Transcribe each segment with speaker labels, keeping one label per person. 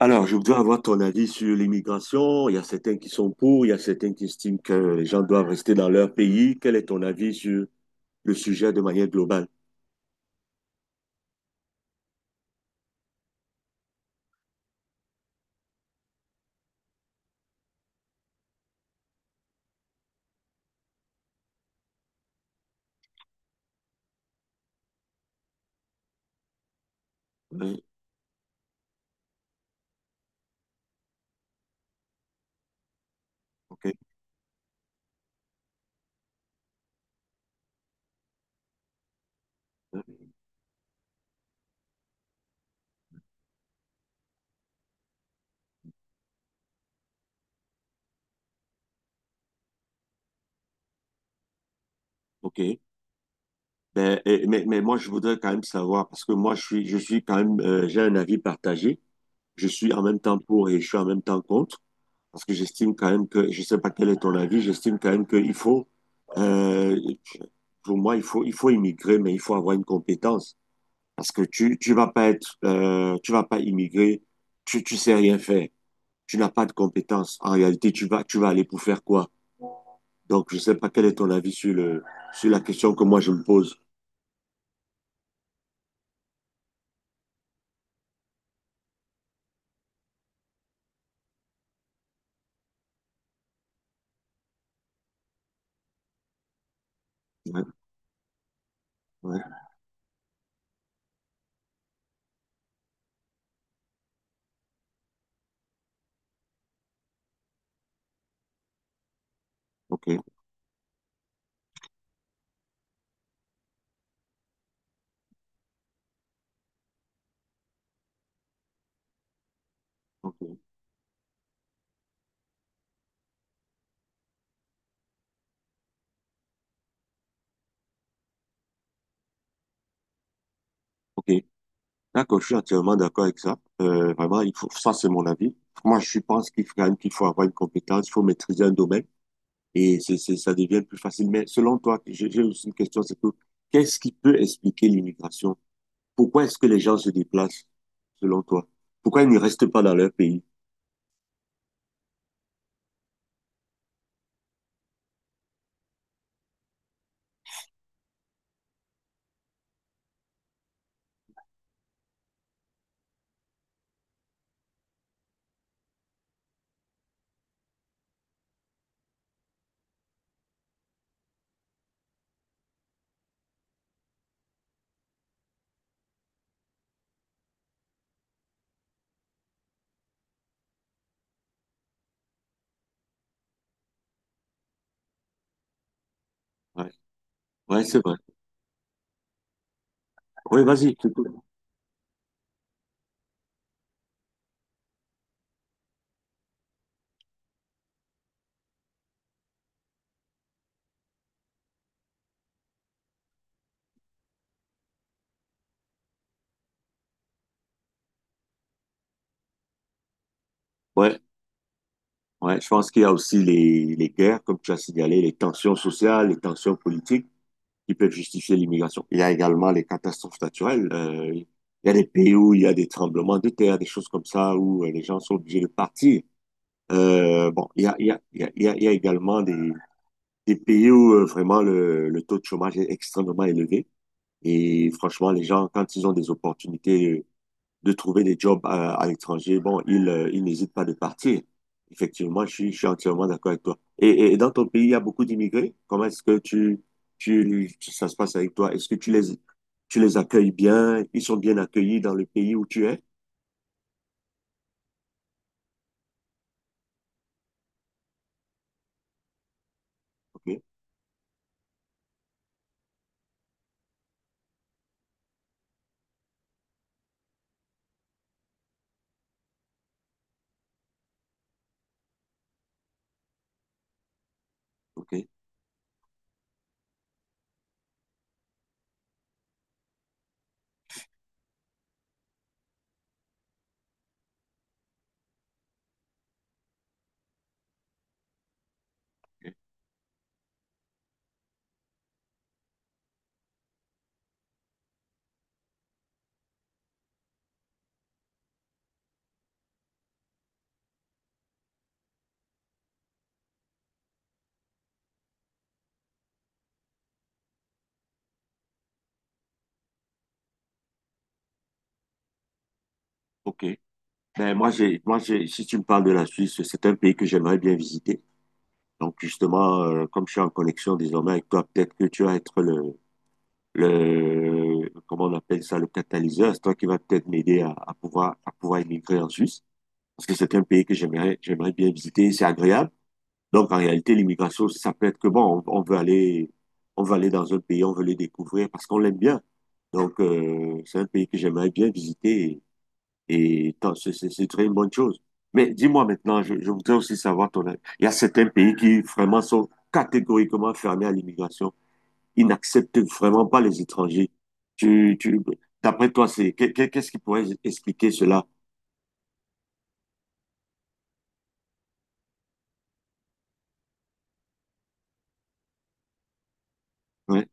Speaker 1: Alors, je voudrais avoir ton avis sur l'immigration. Il y a certains qui sont pour, il y a certains qui estiment que les gens doivent rester dans leur pays. Quel est ton avis sur le sujet de manière globale? Hein, ok, hein, ok. Mais moi, je voudrais quand même savoir, parce que moi, je suis quand même, j'ai un avis partagé. Je suis en même temps pour et je suis en même temps contre, parce que j'estime quand même que, je sais pas quel est ton avis, j'estime quand même qu'il faut, euh, pour moi, il faut immigrer, mais il faut avoir une compétence. Parce que tu vas pas être, tu vas pas immigrer, tu sais rien faire, tu n'as pas de compétences. En réalité, tu vas aller pour faire quoi? Donc, je sais pas quel est ton avis sur sur la question que moi je me pose. Ouais, ouais, ok, ok, ok. D'accord, je suis entièrement d'accord avec ça. Vraiment, il faut, ça c'est mon avis. Moi, je pense qu'il faut, quand même qu'il faut avoir une compétence, il faut maîtriser un domaine et ça devient plus facile. Mais selon toi, j'ai aussi une question, c'est que qu'est-ce qui peut expliquer l'immigration? Pourquoi est-ce que les gens se déplacent, selon toi? Pourquoi ils ne restent pas dans leur pays? Ouais, ouais, c'est vrai. Oui, vas-y. Tu peux. Ouais, ouais, je pense qu'il y a aussi les guerres, comme tu as signalé, les tensions sociales, les tensions politiques qui peuvent justifier l'immigration. Il y a également les catastrophes naturelles. Il y a des pays où il y a des tremblements de terre, des choses comme ça, où les gens sont obligés de partir. Bon, il y a, il y a, il y a, il y a il y a également des pays où vraiment le taux de chômage est extrêmement élevé. Et franchement, les gens, quand ils ont des opportunités de trouver des jobs à l'étranger, bon, ils n'hésitent pas de partir. Effectivement, je suis entièrement d'accord avec toi. Et dans ton pays, il y a beaucoup d'immigrés. Comment est-ce que tu- ça se passe avec toi? Est-ce que tu les, Tu les accueilles bien? Ils sont bien accueillis dans le pays où tu es? OK, OK, OK. Ok. Moi, j'ai, si tu me parles de la Suisse, c'est un pays que j'aimerais bien visiter. Donc, justement, comme je suis en connexion désormais avec toi, peut-être que tu vas être le, comment on appelle ça, le catalyseur, c'est toi qui va peut-être m'aider à pouvoir immigrer en Suisse, parce que c'est un pays que j'aimerais bien visiter, c'est agréable. Donc, en réalité, l'immigration, ça peut être que bon, on veut aller dans un pays, on veut le découvrir parce qu'on l'aime bien. Donc, c'est un pays que j'aimerais bien visiter et, c'est très une bonne chose. Mais dis-moi maintenant, je voudrais aussi savoir ton avis. Il y a certains pays qui vraiment sont catégoriquement fermés à l'immigration, ils n'acceptent vraiment pas les étrangers. Tu, tu, D'après toi, qu'est-ce qui pourrait expliquer cela? Ouais.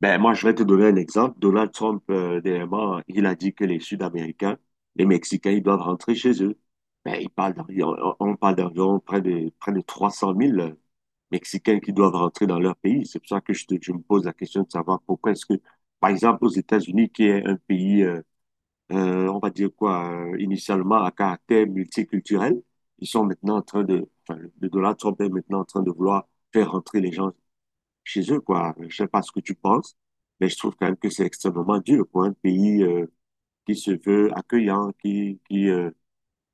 Speaker 1: Ben, moi, je vais te donner un exemple. Donald Trump, dernièrement, il a dit que les Sud-Américains, les Mexicains, ils doivent rentrer chez eux. Ben, il parle d'environ- on parle d'environ près de 300 000 Mexicains qui doivent rentrer dans leur pays. C'est pour ça que je me pose la question de savoir pourquoi est-ce que, par exemple, aux États-Unis, qui est un pays, on va dire quoi, initialement à caractère multiculturel. Ils sont maintenant en train de, enfin, le Donald Trump est maintenant en train de vouloir faire rentrer les gens chez eux, quoi. Je sais pas ce que tu penses, mais je trouve quand même que c'est extrêmement dur pour un pays qui se veut accueillant, qui, qui, euh,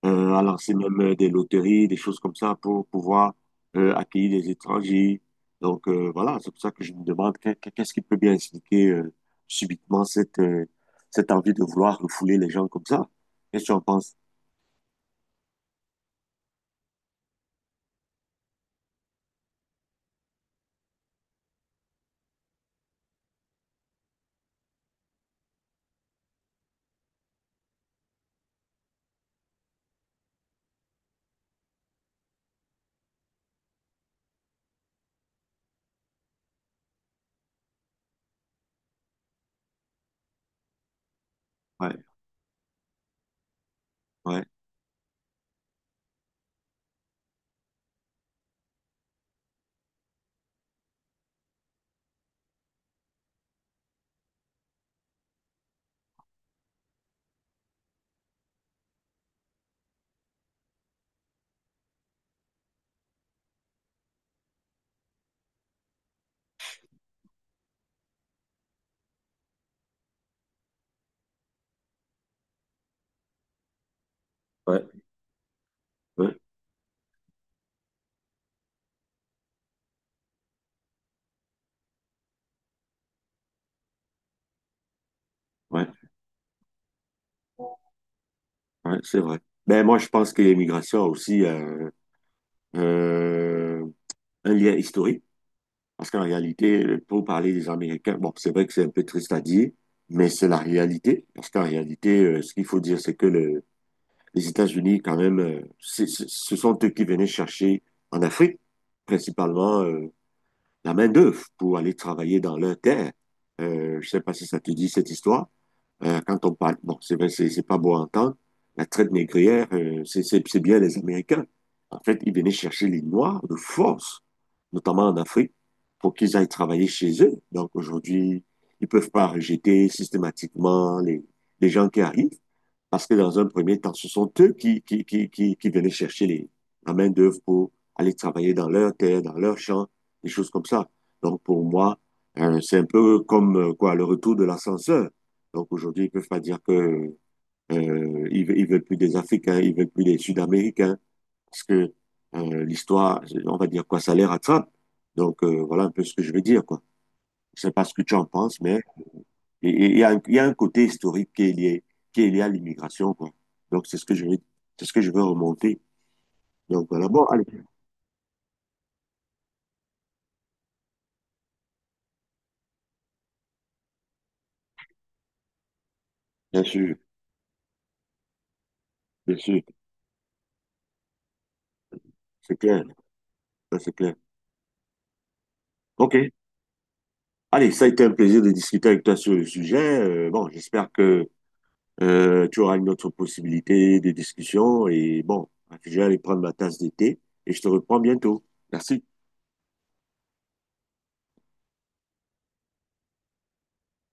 Speaker 1: euh, à lancer même des loteries, des choses comme ça pour pouvoir accueillir des étrangers. Donc voilà, c'est pour ça que je me demande qu'est-ce qui peut bien expliquer subitement cette, cette envie de vouloir refouler les gens comme ça. Qu'est-ce que tu en penses? Ouais, ouais, ouais, ouais, ouais, ouais, c'est vrai. Ben moi, je pense que l'immigration a aussi euh, un lien historique. Parce qu'en réalité, pour parler des Américains, bon, c'est vrai que c'est un peu triste à dire, mais c'est la réalité. Parce qu'en réalité, ce qu'il faut dire, c'est que les États-Unis, quand même, ce sont eux qui venaient chercher en Afrique, principalement, la main-d'œuvre pour aller travailler dans leurs terres. Je sais pas si ça te dit cette histoire. Quand on parle, bon, c'est vrai, c'est pas beau à entendre. La traite négrière, c'est bien les Américains. En fait, ils venaient chercher les Noirs de force, notamment en Afrique, pour qu'ils aillent travailler chez eux. Donc aujourd'hui, ils peuvent pas rejeter systématiquement les gens qui arrivent. Parce que dans un premier temps, ce sont eux qui venaient chercher la main-d'œuvre pour aller travailler dans leur terre, dans leur champ, des choses comme ça. Donc pour moi, c'est un peu comme quoi le retour de l'ascenseur. Donc aujourd'hui, ils ne peuvent pas dire que veulent plus des Africains, ils ne veulent plus des Sud-Américains, parce que l'histoire, on va dire quoi, ça les rattrape. Donc voilà un peu ce que je veux dire, quoi. Je ne sais pas ce que tu en penses, mais et il y a, y a un côté historique qui est lié à l'immigration, quoi. Donc, c'est ce que je veux remonter. Donc, voilà. Bon, allez. Bien sûr, bien sûr. C'est clair. Ça, c'est clair. OK. Allez, ça a été un plaisir de discuter avec toi sur le sujet. Bon, j'espère que tu auras une autre possibilité de discussion. Et bon, je vais aller prendre ma tasse d'été et je te reprends bientôt. Merci.